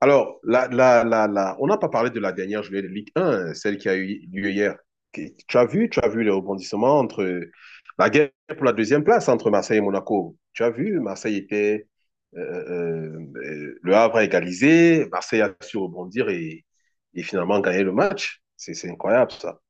Alors, on n'a pas parlé de la dernière journée de Ligue 1, celle qui a eu lieu hier. Tu as vu les rebondissements entre la guerre pour la deuxième place entre Marseille et Monaco. Tu as vu, Marseille était, le Havre a égalisé, Marseille a su rebondir et finalement gagner le match. C'est incroyable ça.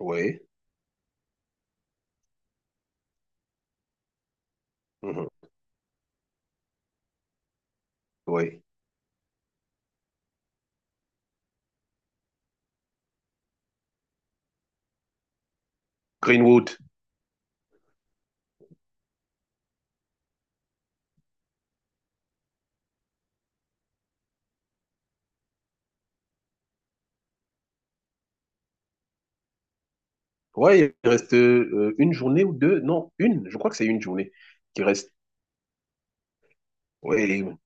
Oui, mhm, oui. Greenwood. Ouais, il reste une journée ou deux. Non, une. Je crois que c'est une journée qui reste. Oui,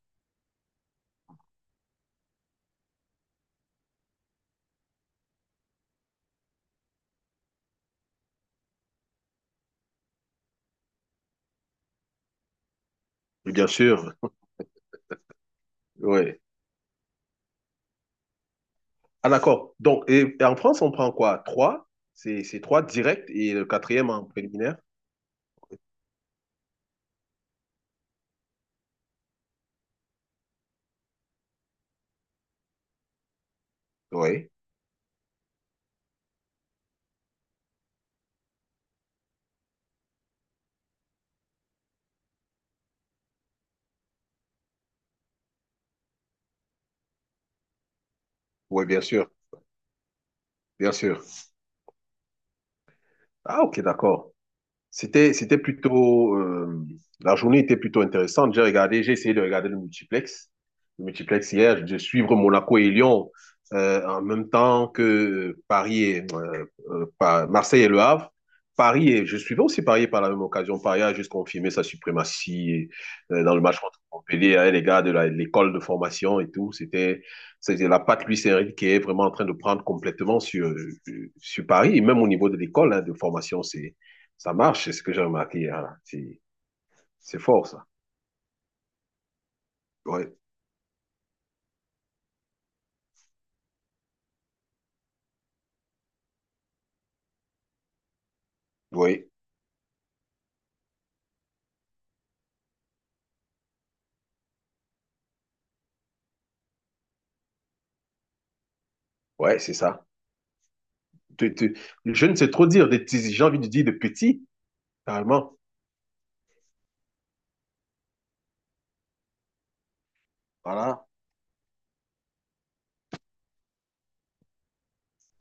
bien sûr. Ouais. Ah, d'accord. Donc, et en France, on prend quoi? Trois? C'est trois directs et le quatrième en préliminaire? Oui. Oui, bien sûr. Bien sûr. Ah, ok, d'accord. C'était plutôt, la journée était plutôt intéressante. J'ai regardé, j'ai essayé de regarder le multiplex hier, de suivre Monaco et Lyon en même temps que Paris et Marseille et Le Havre. Paris et je suivais aussi Paris par la même occasion. Paris a juste confirmé sa suprématie dans le match contre Montpellier. Hein, les gars de l'école de formation et tout, c'était la patte Luis Enrique qui est vraiment en train de prendre complètement sur sur Paris et même au niveau de l'école, hein, de formation, c'est ça marche, c'est ce que j'ai remarqué. Hein. C'est fort, ça. Oui, oui, ouais, c'est ça. Tu- tu- Je ne sais trop dire de petits, j'ai envie de dire de petits, carrément. Voilà.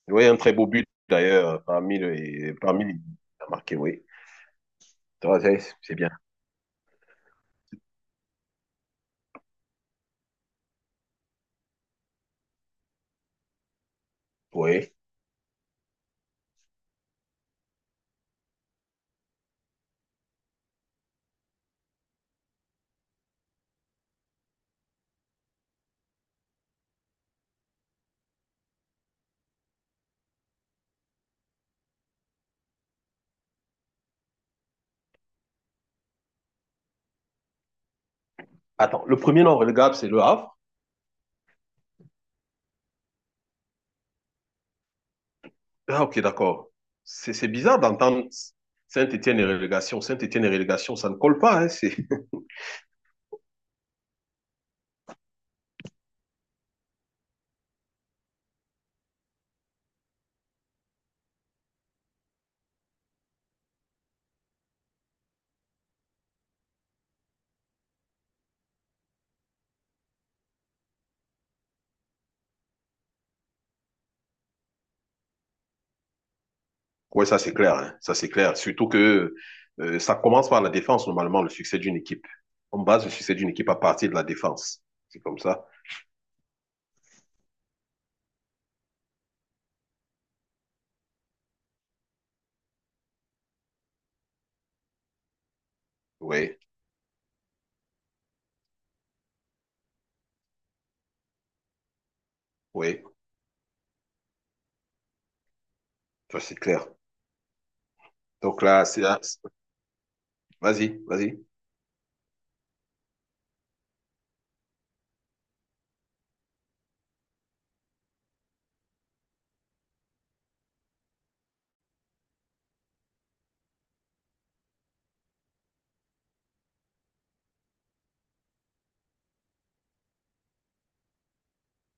Oui, un très beau but, d'ailleurs, parmi les t'as marqué, oui. Tu vois, c'est bien. Oui. Attends, le premier non relégable, c'est le Havre. Ah, ok, d'accord. C'est bizarre d'entendre Saint-Étienne et relégation. Saint-Étienne et relégation, ça ne colle pas, hein, c'est oui, ça c'est clair, hein. Ça c'est clair. Surtout que ça commence par la défense, normalement, le succès d'une équipe. On base le succès d'une équipe à partir de la défense. C'est comme ça. Oui, oui, ça c'est clair. Donc là, c'est- vas-y, vas-y.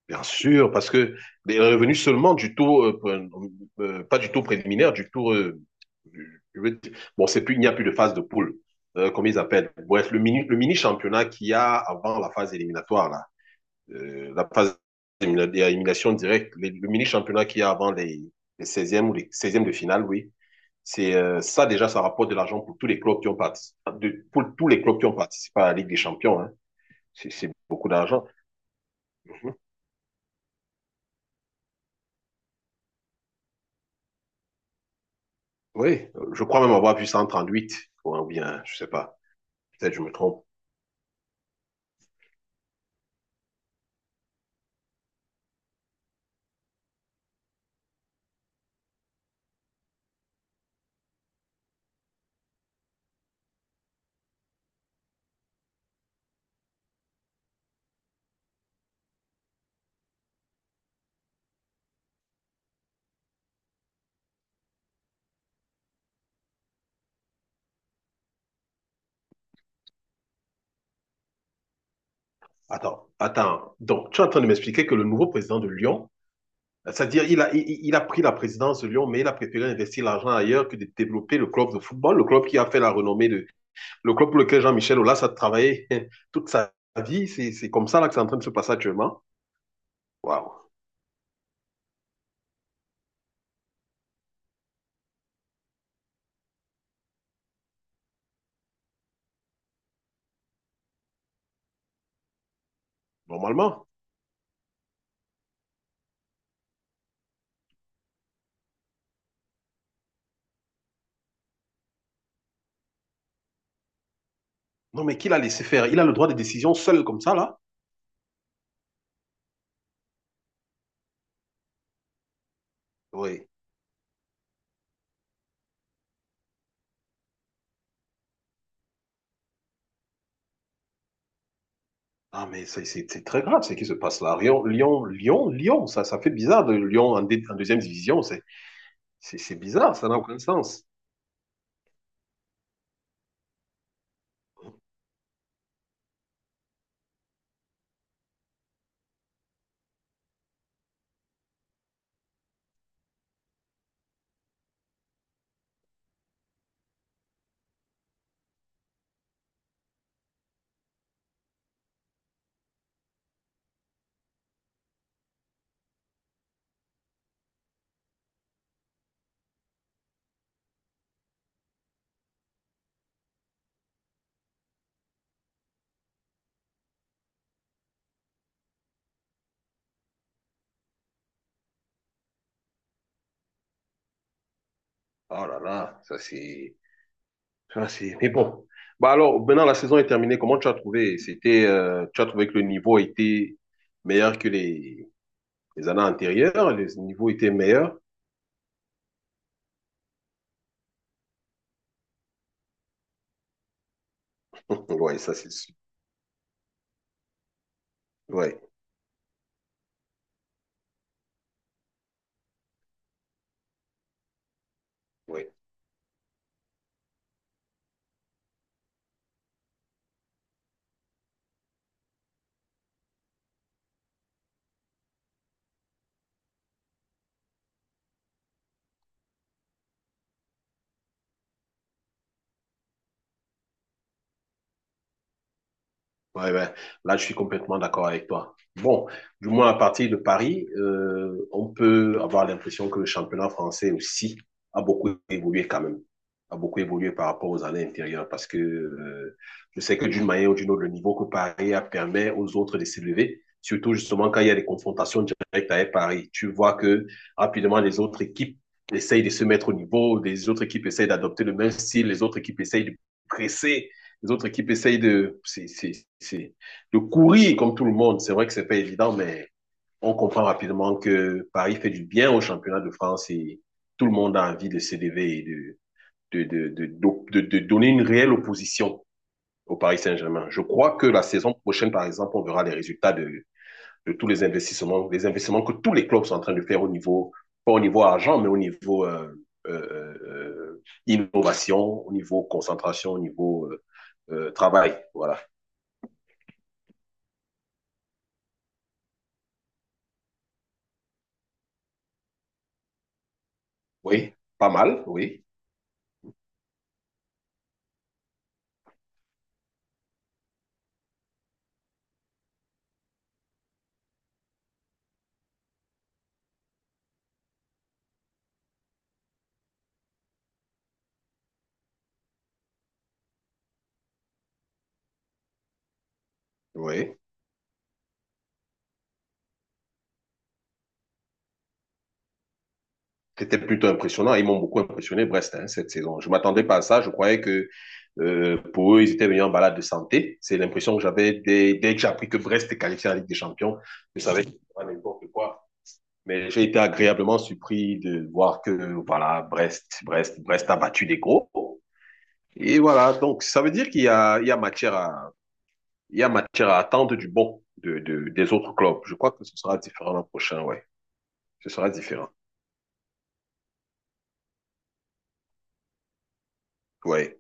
Bien sûr, parce que les revenus seulement du tour, pas du tour préliminaire, du tour, je veux dire- bon, c'est plus, il n'y a plus de phase de poule, comme ils appellent. Bref, le mini championnat qu'il y a avant la phase éliminatoire, là. La phase d'élimination directe, les, le mini-championnat qu'il y a avant les 16es ou les 16es de finale, oui, c'est ça déjà, ça rapporte de l'argent pour tous les clubs qui ont participé, de, pour tous les clubs qui ont participé à la Ligue des Champions. Hein. C'est beaucoup d'argent. Oui, je crois même avoir vu 38 ou bien, je sais pas, peut-être je me trompe. Attends, attends. Donc, tu es en train de m'expliquer que le nouveau président de Lyon, c'est-à-dire, il a pris la présidence de Lyon, mais il a préféré investir l'argent ailleurs que de développer le club de football, le club qui a fait la renommée de, le club pour lequel Jean-Michel Aulas a travaillé toute sa vie, c'est comme ça là que c'est en train de se passer actuellement. Waouh, normalement. Non, mais qui l'a laissé faire? Il a le droit de décision seul comme ça là? Oui. Ah, mais c'est très grave ce qui se passe là. Lyon, ça, ça fait bizarre de Lyon en, dé, en deuxième division. C'est bizarre, ça n'a aucun sens. Oh là là, ça c'est. Mais bon. Bah alors, maintenant la saison est terminée, comment tu as trouvé? C'était, tu as trouvé que le niveau était meilleur que les années antérieures, les niveaux étaient meilleurs. Oui, ça c'est sûr. Oui, oui. Ouais, ouais. Là, je suis complètement d'accord avec toi. Bon, du moins à partir de Paris, on peut avoir l'impression que le championnat français aussi a beaucoup évolué quand même, a beaucoup évolué par rapport aux années antérieures parce que je sais que d'une manière ou d'une autre, le niveau que Paris a permet aux autres de s'élever, surtout justement quand il y a des confrontations directes avec Paris. Tu vois que rapidement les autres équipes essayent de se mettre au niveau, les autres équipes essayent d'adopter le même style, les autres équipes essayent de presser, les autres équipes essayent de, c'est, de courir comme tout le monde. C'est vrai que c'est pas évident, mais on comprend rapidement que Paris fait du bien au championnat de France et tout le monde a envie de s'élever et de de donner une réelle opposition au Paris Saint-Germain. Je crois que la saison prochaine, par exemple, on verra les résultats de tous les investissements que tous les clubs sont en train de faire au niveau, pas au niveau argent, mais au niveau innovation, au niveau concentration, au niveau travail. Voilà. Oui, pas mal, oui. Oui, c'était plutôt impressionnant. Ils m'ont beaucoup impressionné, Brest, hein, cette saison. Je m'attendais pas à ça. Je croyais que pour eux, ils étaient venus en balade de santé. C'est l'impression que j'avais dès, dès que j'ai appris que Brest était qualifié en Ligue des Champions. Je savais que c'était pas n'importe quoi. Mais j'ai été agréablement surpris de voir que, voilà, Brest a battu des gros. Et voilà, donc ça veut dire qu'il y a, il y a matière à, il y a matière à attendre du bon de, des autres clubs. Je crois que ce sera différent l'an prochain, ouais. Ce sera différent, ouais.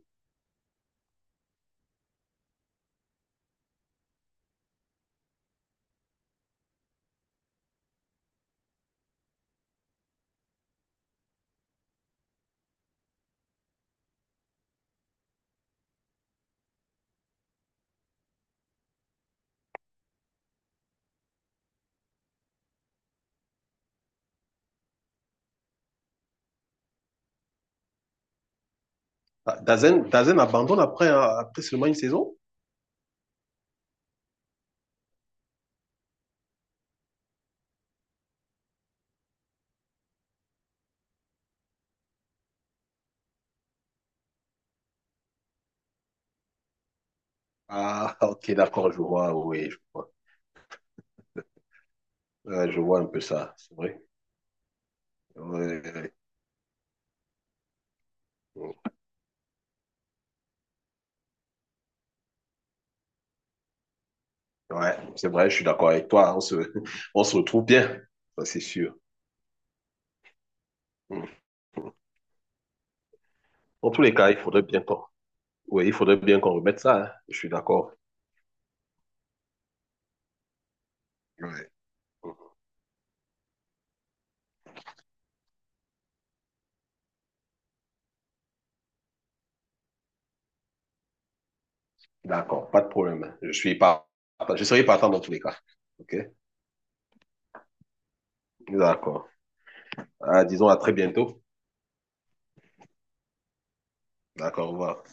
Ah, Dazen, Dazen abandonne après, hein, après seulement une saison? Ah, ok, d'accord, je vois, oui, je vois. Ouais, je vois un peu ça, c'est vrai. Ouais, ouais, ouais. Ouais, c'est vrai, je suis d'accord avec toi. Hein, on se, on se retrouve bien, ça c'est sûr. Mm. En tous les cas, il faudrait bien qu'on oui, il faudrait bien qu'on remette ça. Hein. Je suis d'accord. Ouais. D'accord, pas de problème. Je suis pas, je serai partant dans tous les cas. OK? D'accord. Ah, disons à très bientôt. D'accord, au revoir.